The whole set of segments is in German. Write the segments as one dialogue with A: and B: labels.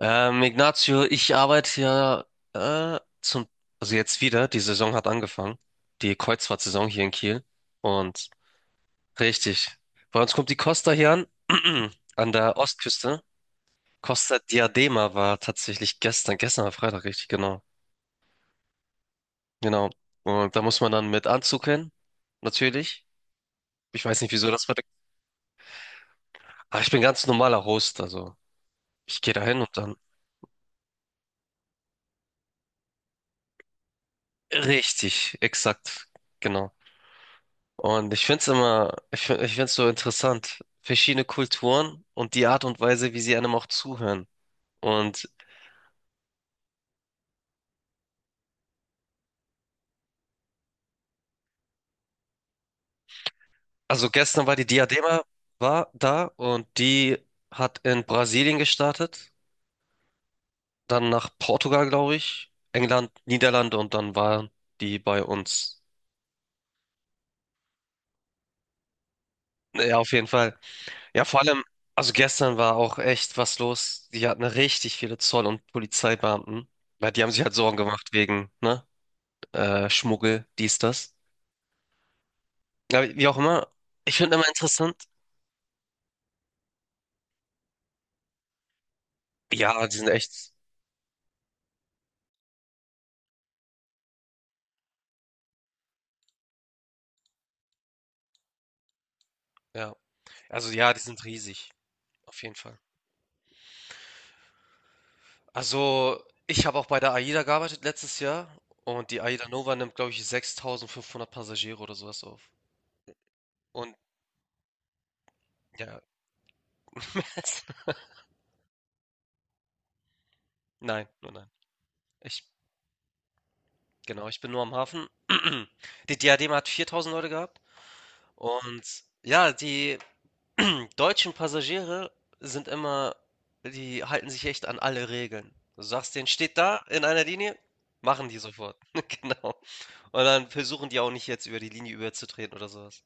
A: Ignacio, ich arbeite ja äh, zum, also jetzt wieder, die Saison hat angefangen, die Kreuzfahrtsaison hier in Kiel. Und richtig, bei uns kommt die Costa hier an, an der Ostküste. Costa Diadema war tatsächlich gestern, gestern war Freitag, richtig, genau. Genau. Und da muss man dann mit Anzug hin, natürlich. Ich weiß nicht, wieso das war. Aber ich bin ganz normaler Host, also ich gehe da hin und dann. Richtig, exakt, genau. Und ich find's immer, ich find's so interessant, verschiedene Kulturen und die Art und Weise, wie sie einem auch zuhören. Und also gestern war die Diadema war da und die hat in Brasilien gestartet, dann nach Portugal, glaube ich, England, Niederlande und dann waren die bei uns. Ja, auf jeden Fall. Ja, vor allem, also gestern war auch echt was los. Die hatten richtig viele Zoll- und Polizeibeamten, weil die haben sich halt Sorgen gemacht wegen, ne, Schmuggel, dies, das. Ja, wie auch immer. Ich finde immer interessant. Ja, die sind echt. Ja. Also ja, die sind riesig. Auf jeden Fall. Also, ich habe auch bei der AIDA gearbeitet letztes Jahr und die AIDA Nova nimmt, glaube ich, 6.500 Passagiere oder sowas auf. Und ja, nein, nur nein. Ich, genau, ich bin nur am Hafen. Die Diadema hat 4.000 Leute gehabt und ja, die deutschen Passagiere sind immer, die halten sich echt an alle Regeln. Du sagst denen: „Steht da in einer Linie“, machen die sofort. Genau. Und dann versuchen die auch nicht jetzt über die Linie überzutreten oder sowas.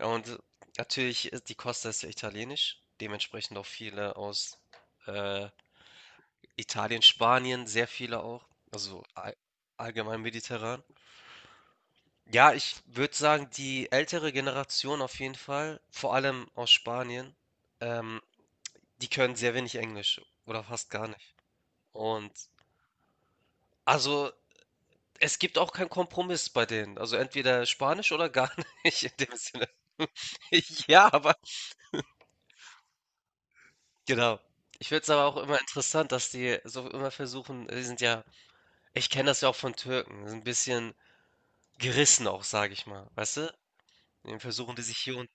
A: Ja, und natürlich ist die Costa ist ja italienisch, dementsprechend auch viele aus, äh, Italien, Spanien, sehr viele auch, also allgemein mediterran. Ja, ich würde sagen, die ältere Generation auf jeden Fall, vor allem aus Spanien, ähm die können sehr wenig Englisch oder fast gar nicht. Und also es gibt auch keinen Kompromiss bei denen. Also entweder Spanisch oder gar nicht in dem Sinne. Ja, aber genau. Ich finde es aber auch immer interessant, dass die so immer versuchen, die sind ja, ich kenne das ja auch von Türken, sind ein bisschen gerissen auch, sage ich mal. Weißt du? Dann versuchen die sich hier und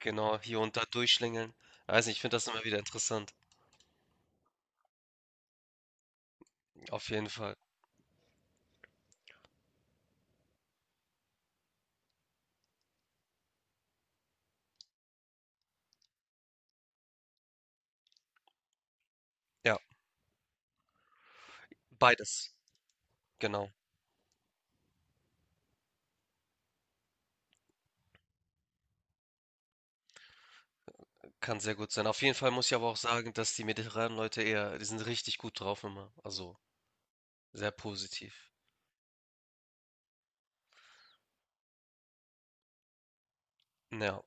A: genau, hier und da durchschlängeln. Weiß nicht, ich finde das immer wieder interessant. Auf jeden Fall. Ja, beides. Genau. Kann sehr gut sein. Auf jeden Fall muss ich aber auch sagen, dass die mediterranen Leute eher, die sind richtig gut drauf immer. Also sehr positiv. Ja.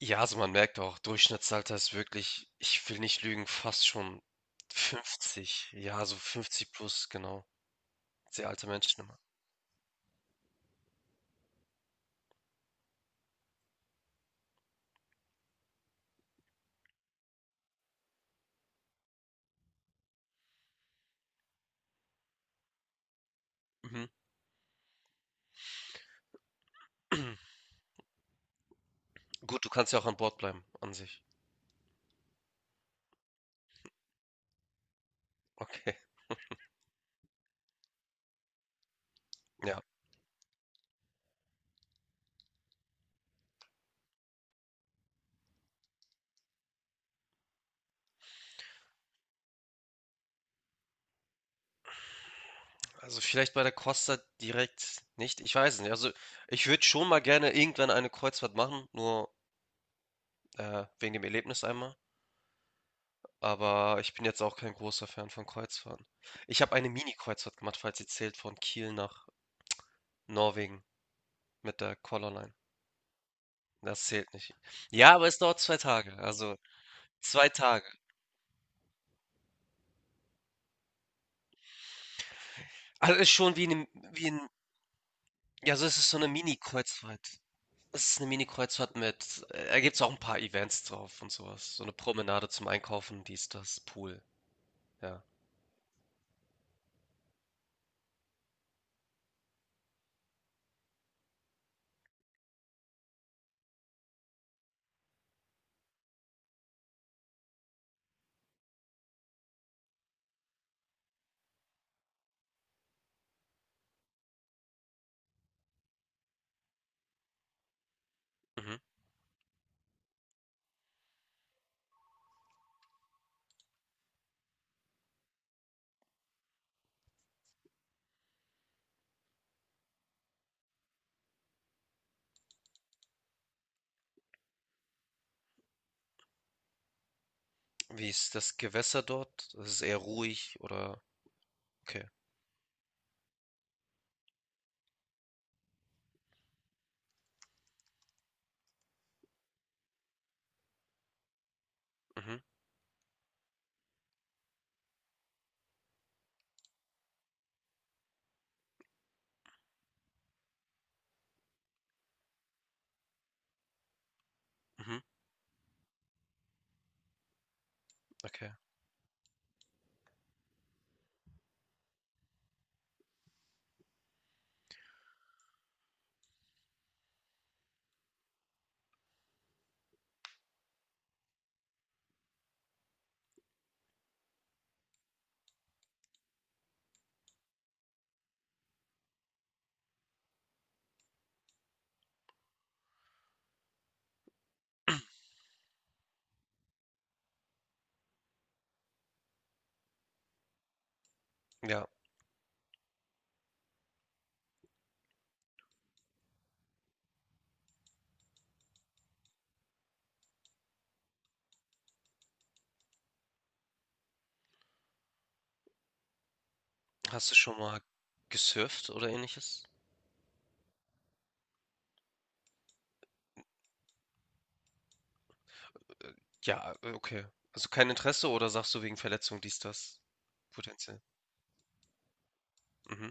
A: Ja, also man merkt auch, Durchschnittsalter ist wirklich, ich will nicht lügen, fast schon 50. Ja, so 50 plus, genau. Sehr alte Menschen immer. Mhm. Gut, du kannst ja auch an Bord bleiben, an sich. Okay. Ja. Also vielleicht bei der Costa direkt nicht. Ich weiß es nicht. Also ich würde schon mal gerne irgendwann eine Kreuzfahrt machen, nur wegen dem Erlebnis einmal. Aber ich bin jetzt auch kein großer Fan von Kreuzfahrten. Ich habe eine Mini-Kreuzfahrt gemacht, falls sie zählt, von Kiel nach Norwegen mit der Colorline. Das zählt nicht. Ja, aber es dauert 2 Tage. Also 2 Tage. Also ist schon wie eine, wie ein, ja, so ist es ist so eine Mini-Kreuzfahrt. Es ist eine Mini-Kreuzfahrt mit, da gibt es auch ein paar Events drauf und sowas. So eine Promenade zum Einkaufen, dies, das, Pool. Ja. Mhm. Wie ist das Gewässer dort? Ist es eher ruhig oder? Okay. Mhm. Mhm. Okay. Ja. Hast du schon mal gesurft oder Ähnliches? Ja, okay. Also kein Interesse oder sagst du wegen Verletzung dies, das? Potenziell. Mhm.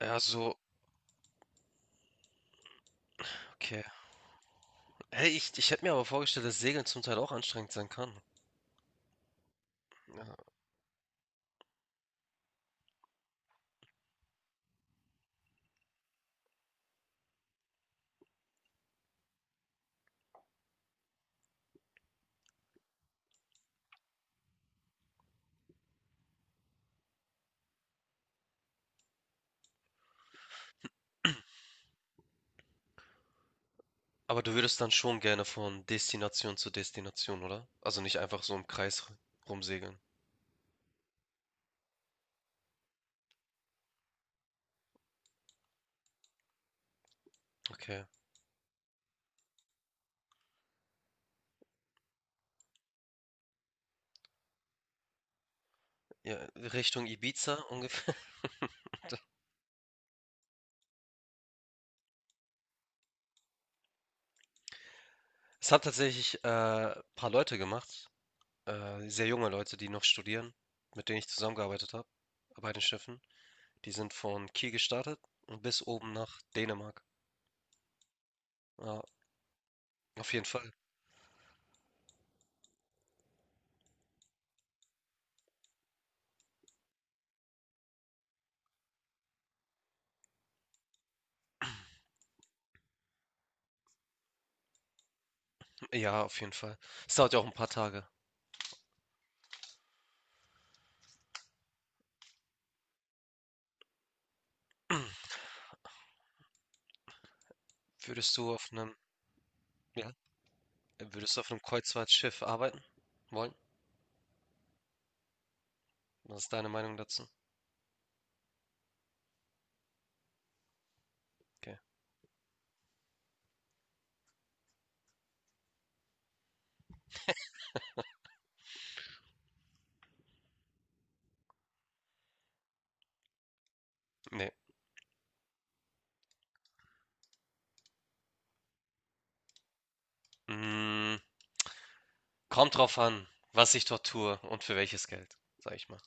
A: Ja, so, okay. Hey, ich hätte mir aber vorgestellt, dass Segeln zum Teil auch anstrengend sein kann. Ja. Aber du würdest dann schon gerne von Destination zu Destination, oder? Also nicht einfach so im Kreis rumsegeln. Okay. Ja, Richtung Ibiza ungefähr. Es haben tatsächlich ein paar Leute gemacht, sehr junge Leute, die noch studieren, mit denen ich zusammengearbeitet habe, bei den Schiffen. Die sind von Kiel gestartet und bis oben nach Dänemark. Ja, auf jeden Fall. Ja, auf jeden Fall. Es dauert ja auch ein paar Tage. Würdest du auf einem, ja, würdest du auf einem Kreuzfahrtschiff arbeiten wollen? Was ist deine Meinung dazu? Okay. Nee. Mm, kommt drauf an, was ich dort tue und für welches Geld, sag ich mal.